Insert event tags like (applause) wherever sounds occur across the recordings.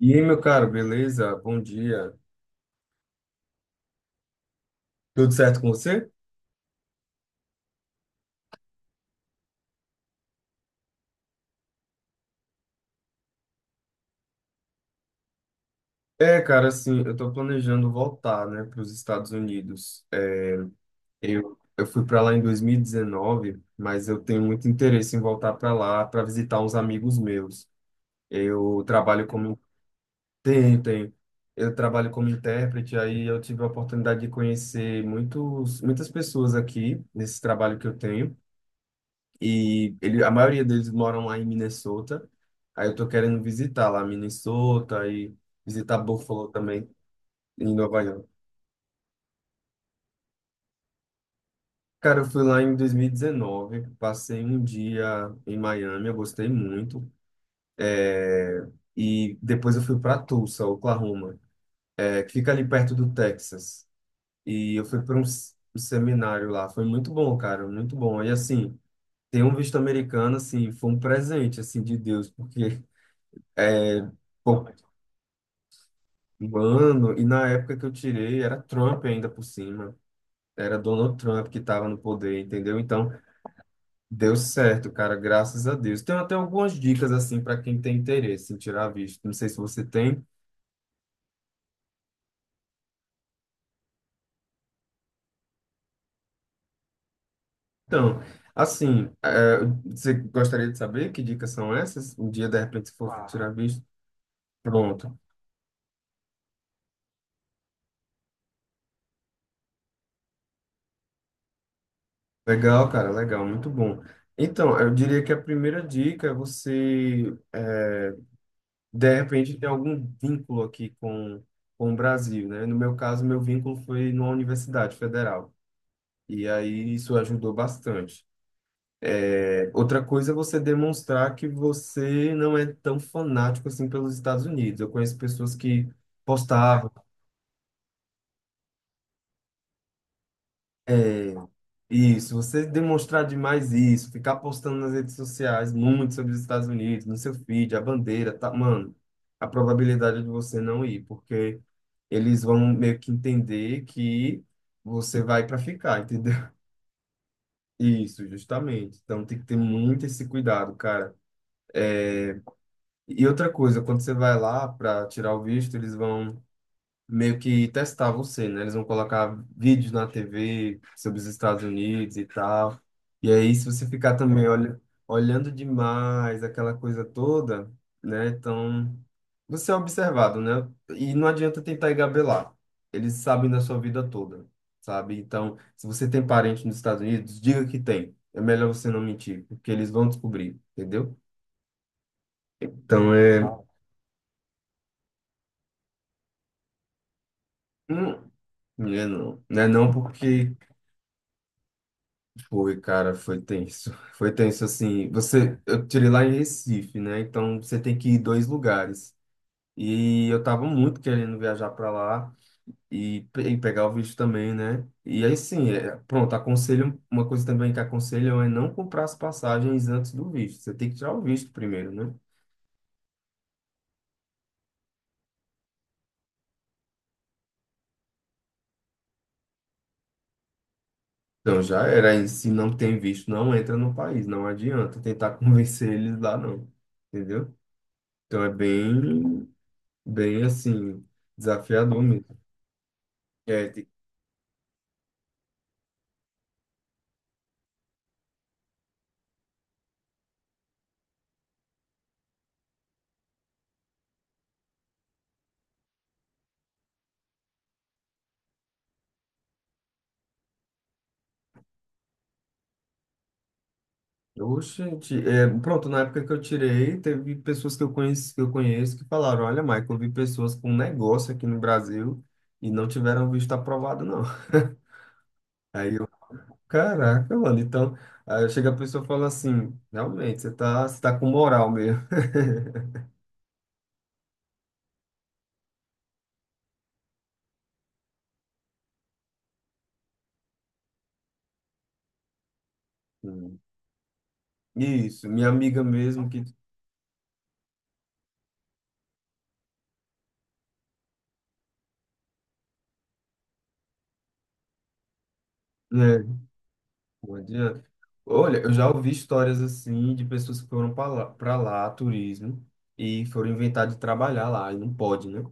E aí, meu caro, beleza? Bom dia. Tudo certo com você? Eu tô planejando voltar, né, para os Estados Unidos. Eu fui para lá em 2019, mas eu tenho muito interesse em voltar para lá para visitar uns amigos meus. Eu trabalho como tem, tem. Eu trabalho como intérprete, aí eu tive a oportunidade de conhecer muitas pessoas aqui nesse trabalho que eu tenho. E ele, a maioria deles moram lá em Minnesota. Aí eu tô querendo visitar lá Minnesota e visitar Buffalo também, em Nova York. Cara, eu fui lá em 2019, passei um dia em Miami, eu gostei muito. É, e depois eu fui para Tulsa, Oklahoma, é, que fica ali perto do Texas. E eu fui para um seminário lá. Foi muito bom, cara, muito bom. E assim, ter um visto americano, assim, foi um presente, assim, de Deus, porque é, pou- mano, e na época que eu tirei, era Trump ainda por cima. Era Donald Trump que estava no poder, entendeu? Então, deu certo, cara, graças a Deus. Tem até algumas dicas, assim, para quem tem interesse em tirar visto. Não sei se você tem. Então, assim, é, você gostaria de saber que dicas são essas? Um dia, de repente, se for tirar visto? Pronto. Legal, cara, legal, muito bom. Então, eu diria que a primeira dica é você é, de repente tem algum vínculo aqui com o Brasil, né? No meu caso, meu vínculo foi numa universidade federal, e aí isso ajudou bastante. É, outra coisa é você demonstrar que você não é tão fanático assim pelos Estados Unidos. Eu conheço pessoas que é, isso, você demonstrar demais isso, ficar postando nas redes sociais muito sobre os Estados Unidos, no seu feed, a bandeira, tá, mano, a probabilidade de você não ir, porque eles vão meio que entender que você vai para ficar, (laughs) entendeu? Isso, justamente. Então tem que ter muito esse cuidado, cara. E outra coisa, quando você vai lá para tirar o visto, eles vão meio que testar você, né? Eles vão colocar vídeos na TV sobre os Estados Unidos e tal. E aí, se você ficar também olha, olhando demais aquela coisa toda, né? Então, você é observado, né? E não adianta tentar engabelar. Eles sabem da sua vida toda, sabe? Então, se você tem parente nos Estados Unidos, diga que tem. É melhor você não mentir, porque eles vão descobrir, entendeu? Então, é... Hum, não é não. Não é não porque foi, cara, foi tenso. Foi tenso assim. Você, eu tirei lá em Recife, né? Então você tem que ir dois lugares. E eu tava muito querendo viajar para lá e pegar o visto também, né? E aí sim, é, pronto, aconselho, uma coisa também que aconselham é não comprar as passagens antes do visto. Você tem que tirar o visto primeiro, né? Então já era, e se não tem visto, não entra no país, não adianta tentar (laughs) convencer eles lá, não. Entendeu? Então é bem assim, desafiador mesmo. É, ô, gente, é, pronto, na época que eu tirei, teve pessoas que eu conheço, que falaram, olha, Michael, eu vi pessoas com um negócio aqui no Brasil e não tiveram visto aprovado, não. (laughs) Aí eu, caraca, mano, então, aí chega a pessoa e fala assim, realmente, você tá com moral mesmo. Hum. Isso, minha amiga mesmo que, né, não adianta. Olha, eu já ouvi histórias assim de pessoas que foram para lá, turismo, e foram inventar de trabalhar lá, e não pode, né?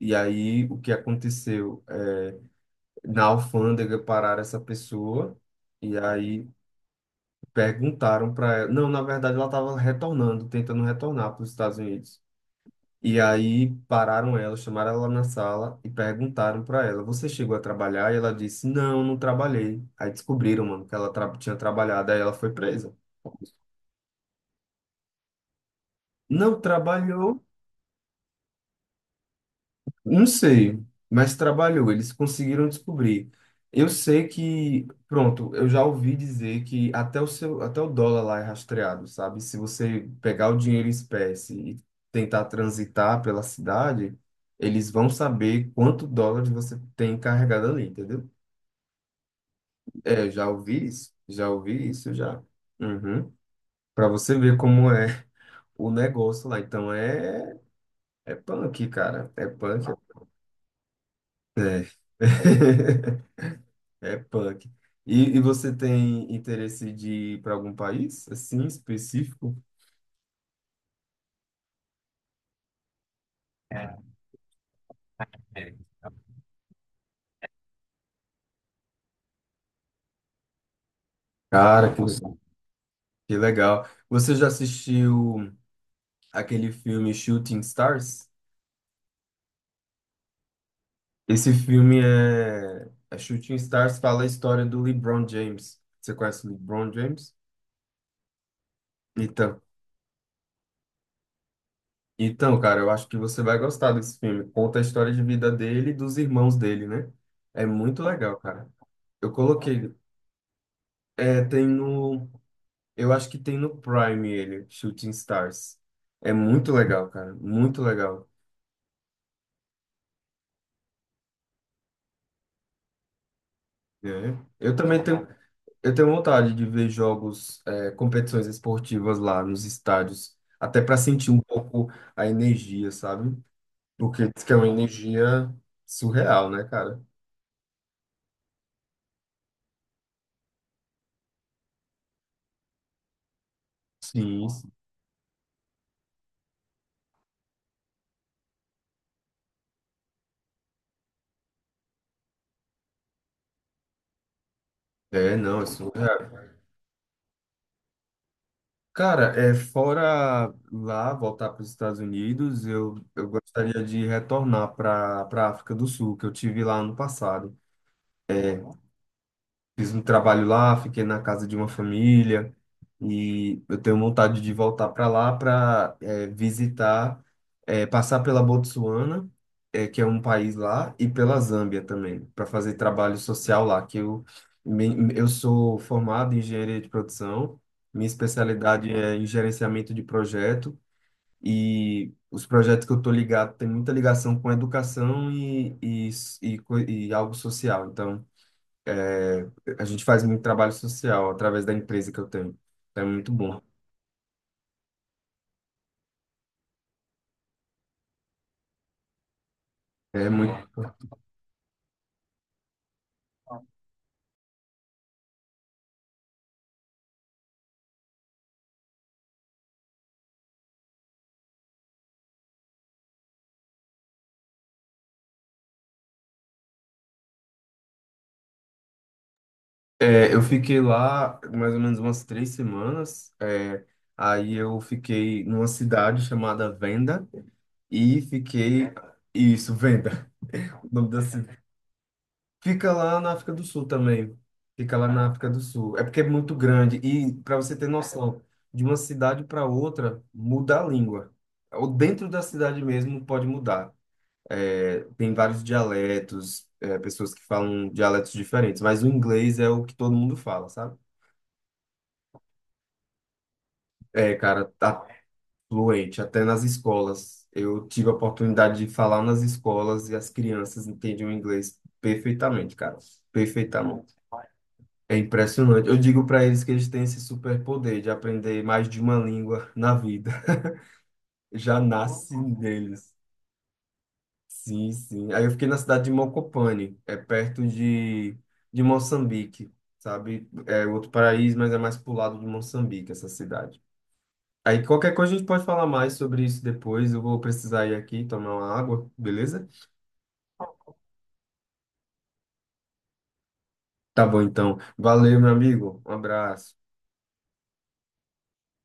E aí, o que aconteceu? É, na alfândega pararam essa pessoa e aí perguntaram para ela. Não, na verdade, ela estava retornando, tentando retornar para os Estados Unidos. E aí pararam ela, chamaram ela na sala e perguntaram para ela: você chegou a trabalhar? E ela disse: não, não trabalhei. Aí descobriram, mano, tinha trabalhado. Aí ela foi presa. Não trabalhou. Não sei, mas trabalhou, eles conseguiram descobrir. Eu sei que, pronto, eu já ouvi dizer que até o dólar lá é rastreado, sabe? Se você pegar o dinheiro em espécie e tentar transitar pela cidade, eles vão saber quanto dólares você tem carregado ali, entendeu? É, já ouvi isso já. Uhum. Para você ver como é o negócio lá. Então é é punk, cara, é punk. É. (laughs) É punk. E você tem interesse de ir para algum país, assim, específico? Cara, que, que legal. Você já assistiu aquele filme Shooting Stars? Esse filme é Shooting Stars, fala a história do LeBron James. Você conhece o LeBron James? Então, então, cara, eu acho que você vai gostar desse filme. Conta a história de vida dele e dos irmãos dele, né? É muito legal, cara. Eu coloquei. É, tem no. Eu acho que tem no Prime ele, Shooting Stars. É muito legal, cara, muito legal. É. Eu também tenho, eu tenho vontade de ver jogos, é, competições esportivas lá nos estádios, até para sentir um pouco a energia, sabe? Porque diz que é uma energia surreal, né, cara? Sim, sim. É, não, é surreal. Cara, é, fora lá, voltar para os Estados Unidos, eu gostaria de retornar para África do Sul, que eu tive lá ano passado. Fiz um trabalho lá, fiquei na casa de uma família e eu tenho vontade de voltar para lá para visitar, eh, passar pela Botsuana, eh, que é um país lá, e pela Zâmbia também, para fazer trabalho social lá, eu sou formado em engenharia de produção, minha especialidade é em gerenciamento de projeto e os projetos que eu estou ligado têm muita ligação com educação e algo social, então... É, a gente faz muito trabalho social através da empresa que eu tenho. É muito bom. É muito. É, eu fiquei lá mais ou menos umas 3 semanas. É, aí eu fiquei numa cidade chamada Venda e fiquei. Isso, Venda, (laughs) o nome da cidade. Fica lá na África do Sul também. Fica lá na África do Sul. É porque é muito grande. E para você ter noção, de uma cidade para outra muda a língua. Ou dentro da cidade mesmo pode mudar. É, tem vários dialetos, é, pessoas que falam dialetos diferentes, mas o inglês é o que todo mundo fala, sabe? É, cara, tá fluente, até nas escolas. Eu tive a oportunidade de falar nas escolas e as crianças entendiam o inglês perfeitamente, cara. Perfeitamente. É impressionante. Eu digo para eles que eles têm esse superpoder de aprender mais de uma língua na vida. (laughs) Já nasce neles. Sim, sim. Aí eu fiquei na cidade de Mocopane, é perto de Moçambique, sabe? É outro paraíso, mas é mais pro lado de Moçambique, essa cidade. Aí qualquer coisa a gente pode falar mais sobre isso depois. Eu vou precisar ir aqui tomar uma água, beleza? Tá bom, então. Valeu, meu amigo. Um abraço.